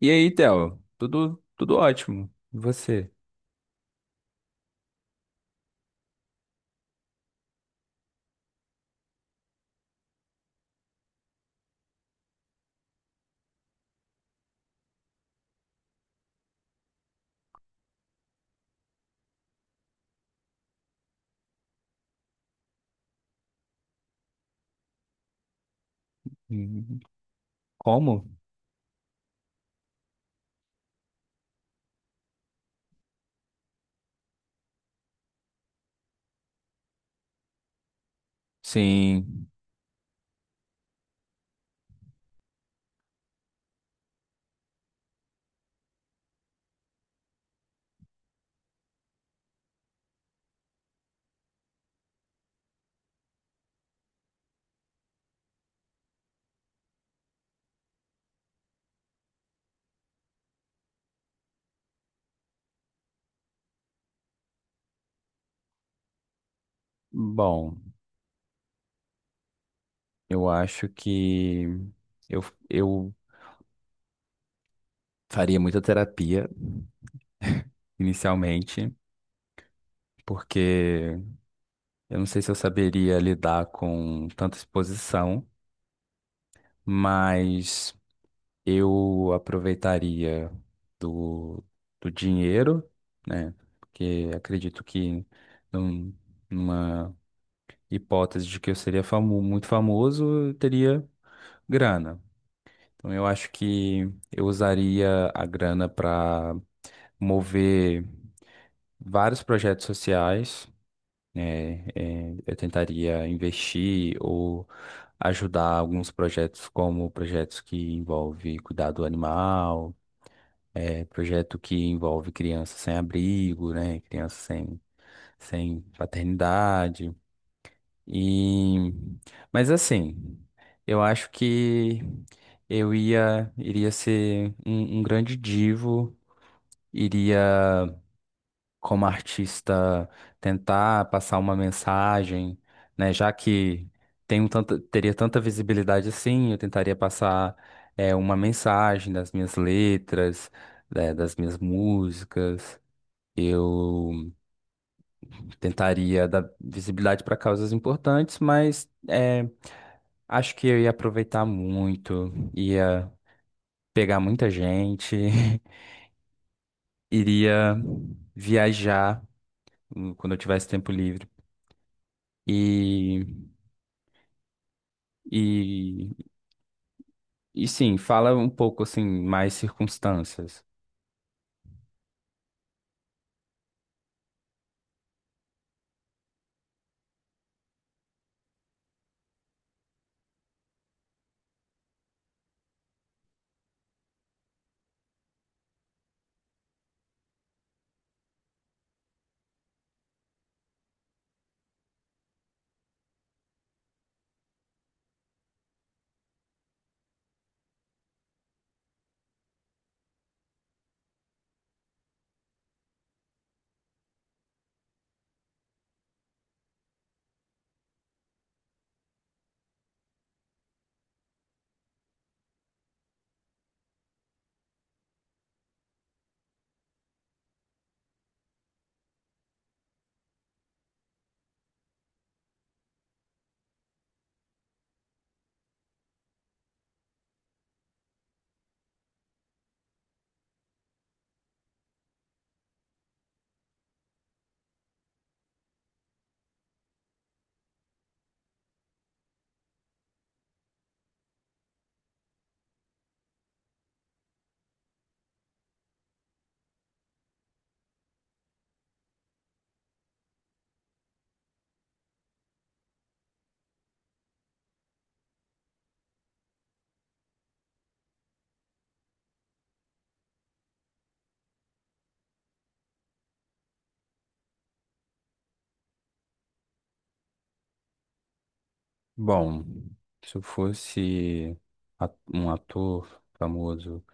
E aí, Theo? Tudo ótimo. E você? Hum, Como? Sim. Bom, eu acho que eu, eu faria muita terapia inicialmente, porque eu não sei se eu saberia lidar com tanta exposição, mas eu aproveitaria do, do dinheiro, né? Porque acredito que num- numa hipótese de que eu seria famoso, muito famoso, eu teria grana. Então eu acho que eu usaria a grana para mover vários projetos sociais, né? Eh, eu tentaria investir ou ajudar alguns projetos, como projetos que envolve cuidado animal, projeto que envolve crianças sem abrigo, né? Crianças sem paternidade. E mas assim, eu acho que eu ia iria ser um grande divo, iria como artista tentar passar uma mensagem, né? Já que teria tanta visibilidade assim, eu tentaria passar uma mensagem das minhas letras, né, das minhas músicas. Eu tentaria dar visibilidade para causas importantes, mas acho que eu ia aproveitar muito, ia pegar muita gente, iria viajar quando eu tivesse tempo livre. E, e, e sim, fala um pouco assim, mais circunstâncias. Bom, se eu fosse um ator famoso,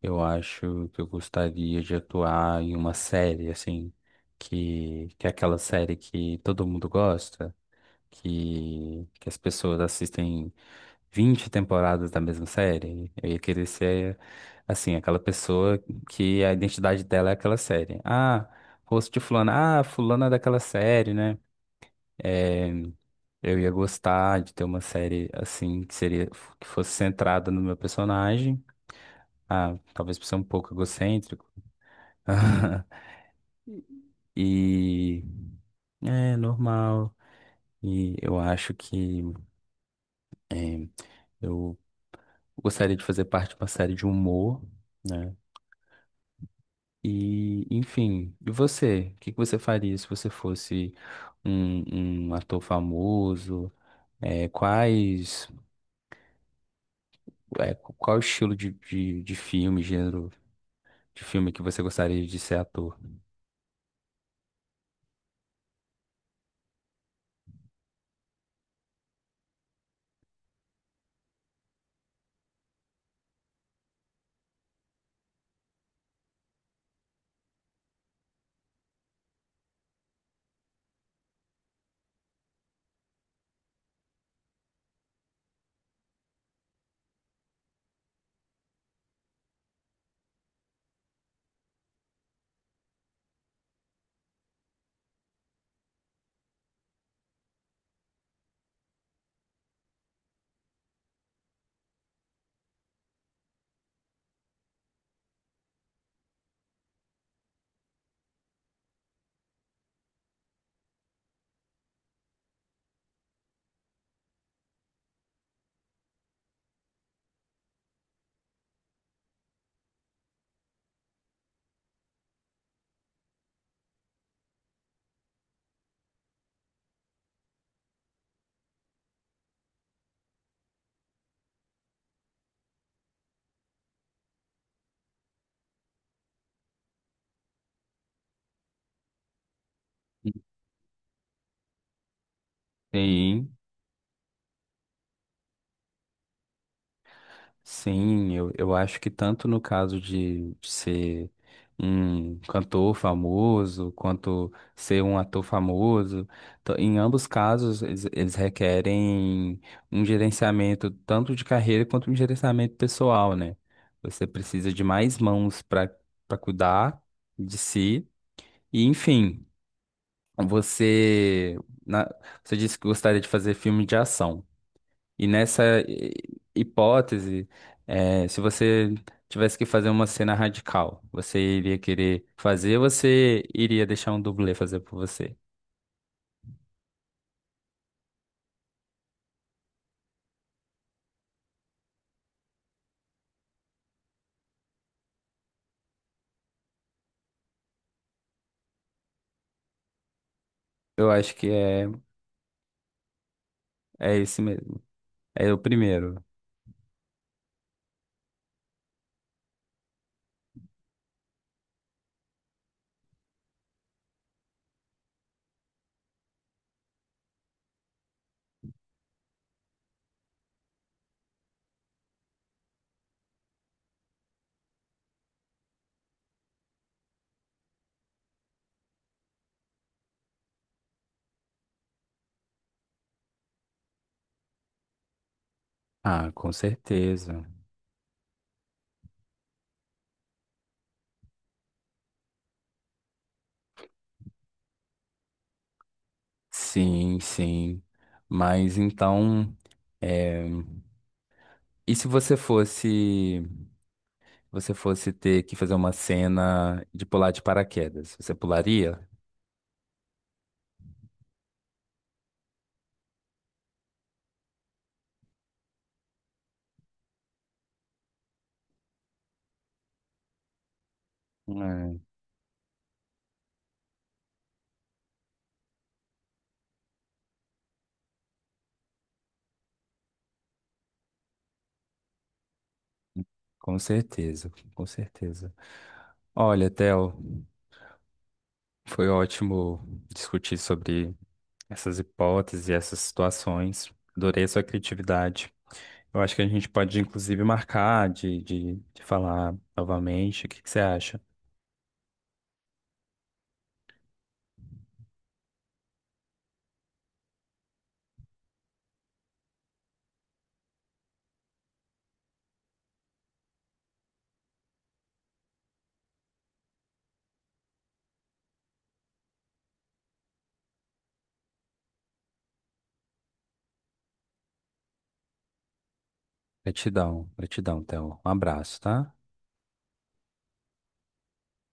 eu acho que eu gostaria de atuar em uma série, assim, que é aquela série que todo mundo gosta, que as pessoas assistem 20 temporadas da mesma série. Eu ia querer ser, assim, aquela pessoa que a identidade dela é aquela série. Ah, rosto de fulano. Ah, fulana é daquela série, né? É, eu ia gostar de ter uma série, assim, que fosse centrada no meu personagem. Ah, talvez por ser um pouco egocêntrico. E é normal. E eu acho que eu gostaria de fazer parte de uma série de humor, né? E, enfim, e você? O que que você faria se você fosse um ator famoso? É, qual o estilo de, de filme, gênero de filme que você gostaria de ser ator? Sim. Sim, eu acho que tanto no caso de ser um cantor famoso, quanto ser um ator famoso, em ambos casos eles requerem um gerenciamento tanto de carreira quanto um gerenciamento pessoal, né? Você precisa de mais mãos para cuidar de si. E, enfim, você, na- você disse que gostaria de fazer filme de ação. E nessa hipótese, se você tivesse que fazer uma cena radical, você iria querer fazer, ou você iria deixar um dublê fazer por você? Eu acho que é esse mesmo. É o primeiro. Ah, com certeza. Sim, sim. Mas então, é, e se você você fosse ter que fazer uma cena de pular de paraquedas, você pularia? É, com certeza, com certeza. Olha, Theo, foi ótimo discutir sobre essas hipóteses e essas situações. Adorei a sua criatividade. Eu acho que a gente pode, inclusive, marcar de falar novamente. O que que você acha? Gratidão, gratidão, Theo. Um abraço, tá?